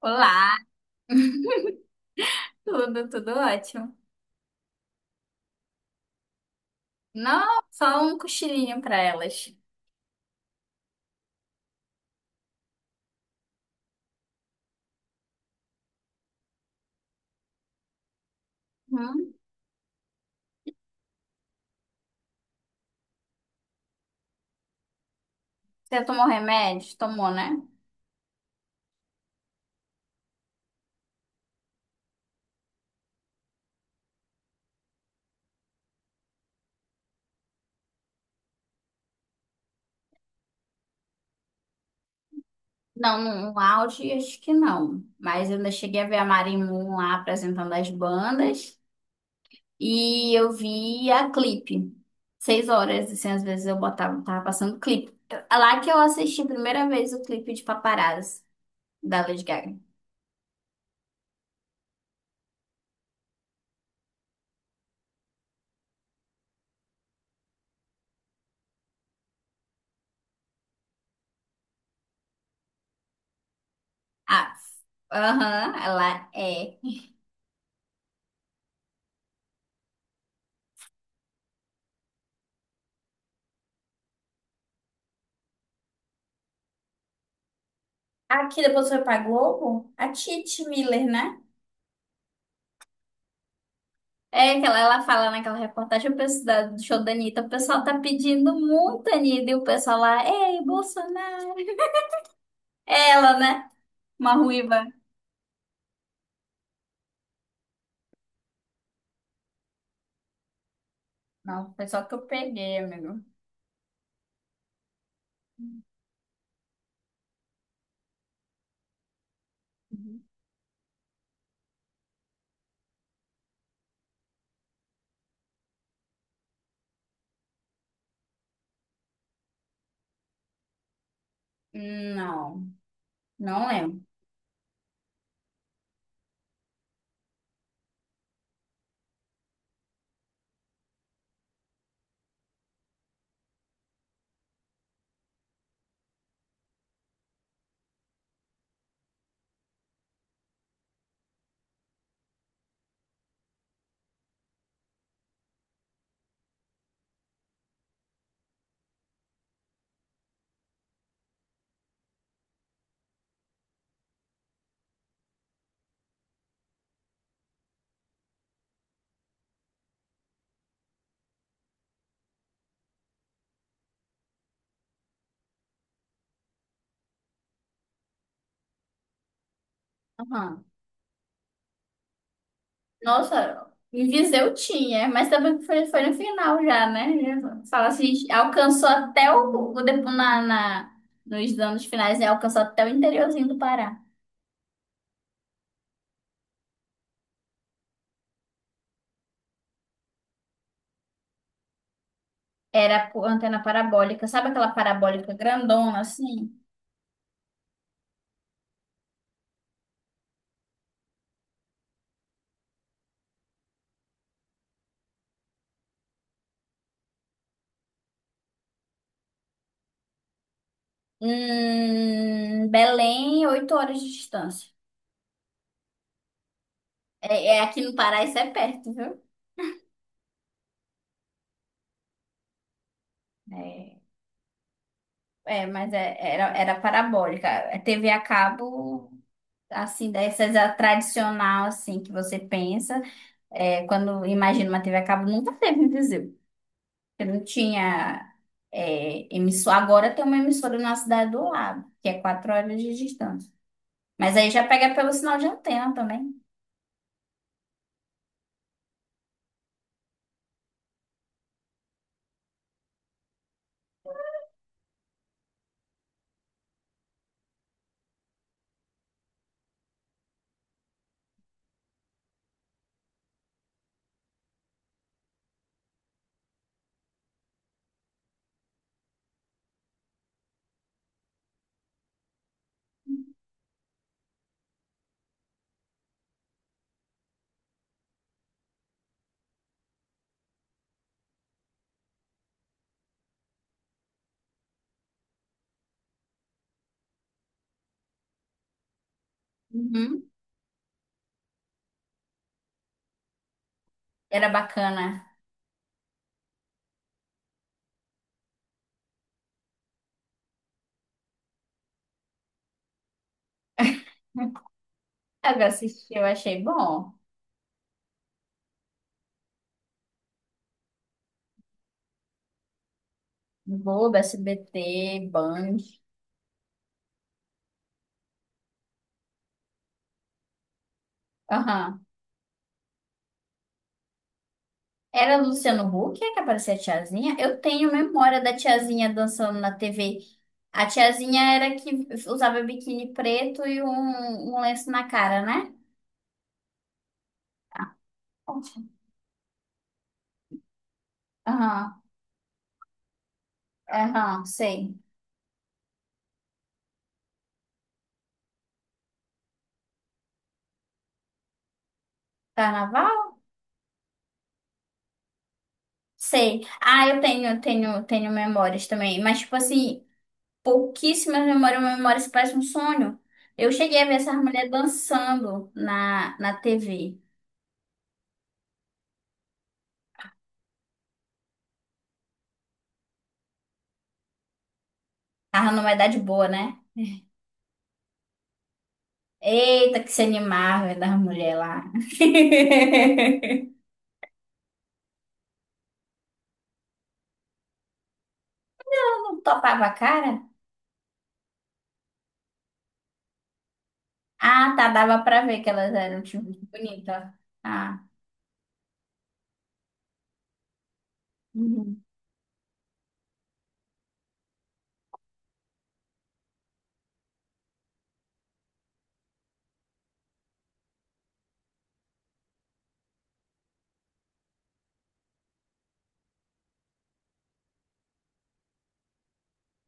Olá, tudo, tudo ótimo. Não, só um cochilinho pra elas. Hum? Você tomou remédio? Tomou, né? Não, no auge acho que não. Mas eu ainda cheguei a ver a Marimun lá apresentando as bandas. E eu vi a clipe. 6 horas, assim, às vezes eu botava, tava passando clipe. É lá que eu assisti a primeira vez o clipe de Paparazzi, da Lady Gaga. Ah, aham, ela é. Aqui depois foi pra Globo? A Titi Miller, né? É que ela fala naquela reportagem o pessoal do show da Anitta, o pessoal tá pedindo muito, Anitta, e o pessoal lá, ei, Bolsonaro. É ela, né? Uma ruiva. Não, foi só que eu peguei, amigo. Uhum. Não, não lembro. Aham. Nossa, em Viseu tinha, mas também foi no final já, né? Já fala assim, alcançou até o depo- na, na, nos anos finais, né? Alcançou até o interiorzinho do Pará. Era por antena parabólica, sabe aquela parabólica grandona assim? Belém, 8 horas de distância. É, é aqui no Pará, isso é perto, viu? É, mas era parabólica. É TV a cabo, assim, dessas a tradicional, assim, que você pensa. É, quando imagina uma TV a cabo, nunca teve em Viseu. Porque não tinha emissora. Agora tem uma emissora na cidade do lado, que é 4 horas de distância. Mas aí já pega pelo sinal de antena também. Uhum. Era bacana. Ah, eu assisti, eu achei bom. Globo, SBT, Band. Aham. Era Luciano Huck é que aparecia a tiazinha? Eu tenho memória da tiazinha dançando na TV. A tiazinha era que usava biquíni preto e um lenço na cara, né? Aham, aham, sei. Carnaval? Sei. Ah, tenho memórias também. Mas, tipo assim, pouquíssimas memórias, uma memória que parece um sonho. Eu cheguei a ver essas mulheres dançando na TV. Tava numa idade boa, né? Eita, que se animava das mulheres lá. Ela não topava a cara? Ah, tá, dava pra ver que elas eram, tipo, bonitas. Ah, uhum.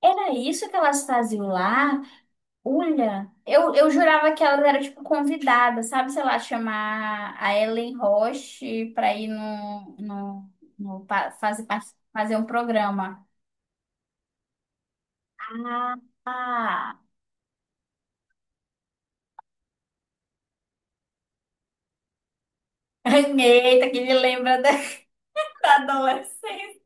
Era isso que elas faziam lá? Olha, eu jurava que elas eram, tipo, convidadas, sabe? Sei lá, chamar a Ellen Roche pra ir no, no, no pa- fazer, parte- fazer um programa. Ah, eita, que me lembra da da adolescência.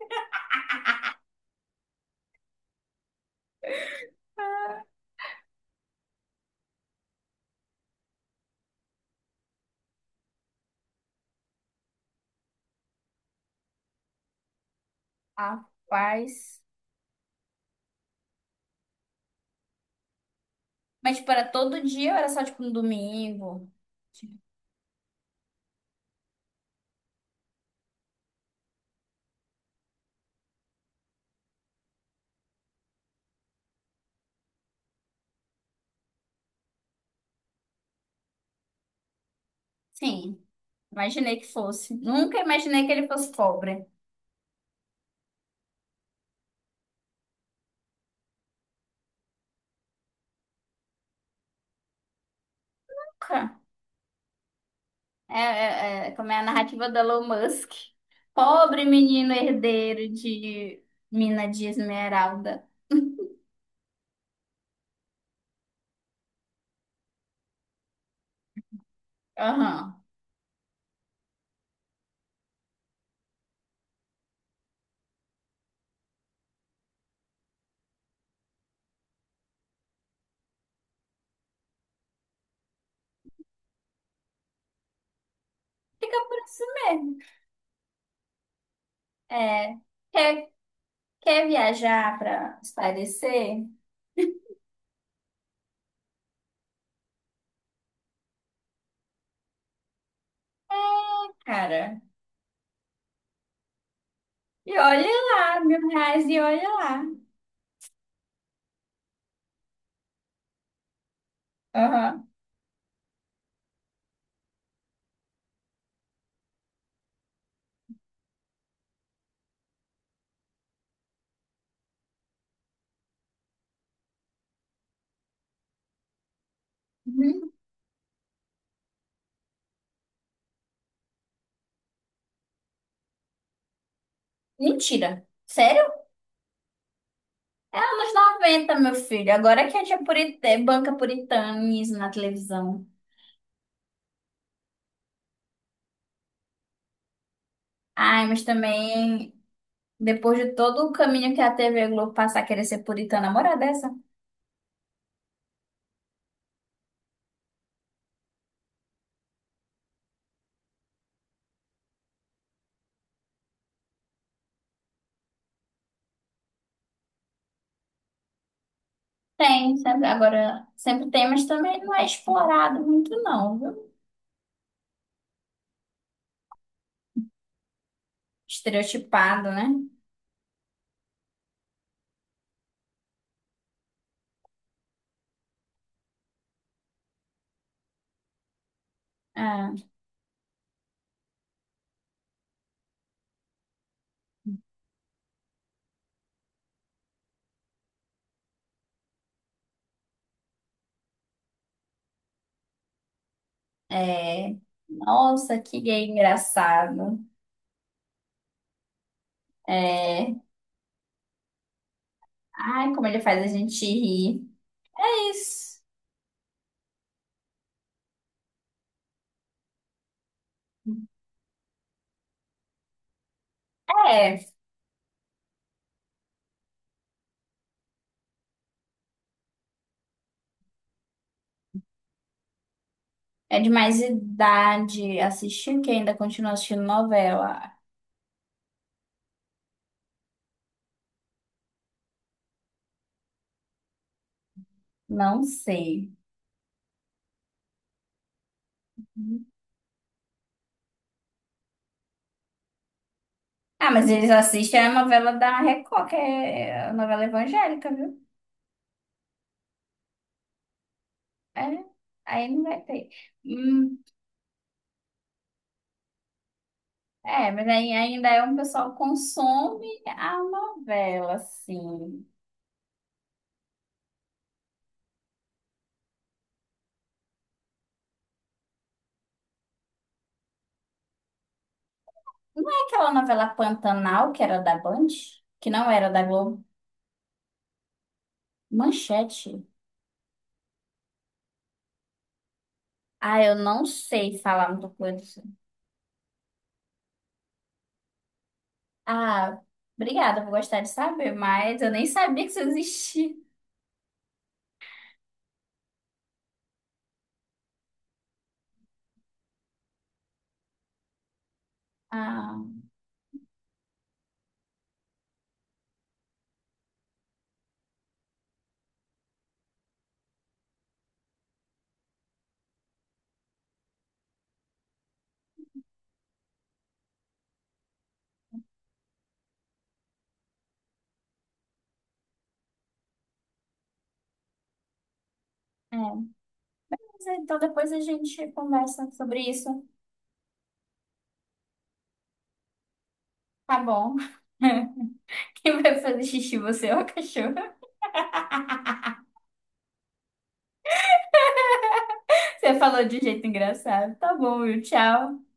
Rapaz. Mas, tipo, era todo dia ou era só, tipo, no domingo? Tipo, sim, imaginei que fosse. Nunca imaginei que ele fosse pobre. Nunca. Como é a narrativa da Elon Musk. Pobre menino herdeiro de mina de esmeralda. Aham. Fica por isso mesmo. É, quer, quer viajar para espairecer? É, cara, e olha lá, R$ 1.000 e olha lá. Aham. Uhum. Mentira. É anos 90, meu filho. Agora que tinha purité, banca puritanismo na televisão. Ai, mas também, depois de todo o caminho que a TV Globo passar, querer ser puritana, moral dessa? Tem, sempre, agora sempre tem, mas também não é explorado muito, não, viu? Estereotipado, né? Ah, é. Nossa, que gay engraçado. É. Ai, como ele faz a gente rir. É isso. É. É de mais idade assistir, que ainda continua assistindo novela. Não sei. Ah, mas eles assistem a novela da Record, que é a novela evangélica, viu? É, aí não vai ter. Hum, é, mas aí ainda é um pessoal que consome a novela, assim. Não é aquela novela Pantanal, que era da Band? Que não era da Globo? Manchete. Ah, eu não sei falar muita coisa. Ah, obrigada, vou gostar de saber, mas eu nem sabia que isso existia. Ah, é. Mas, então depois a gente conversa sobre isso. Tá bom. Quem vai fazer xixi, você ou o cachorro? Você falou de um jeito engraçado. Tá bom, viu? Tchau.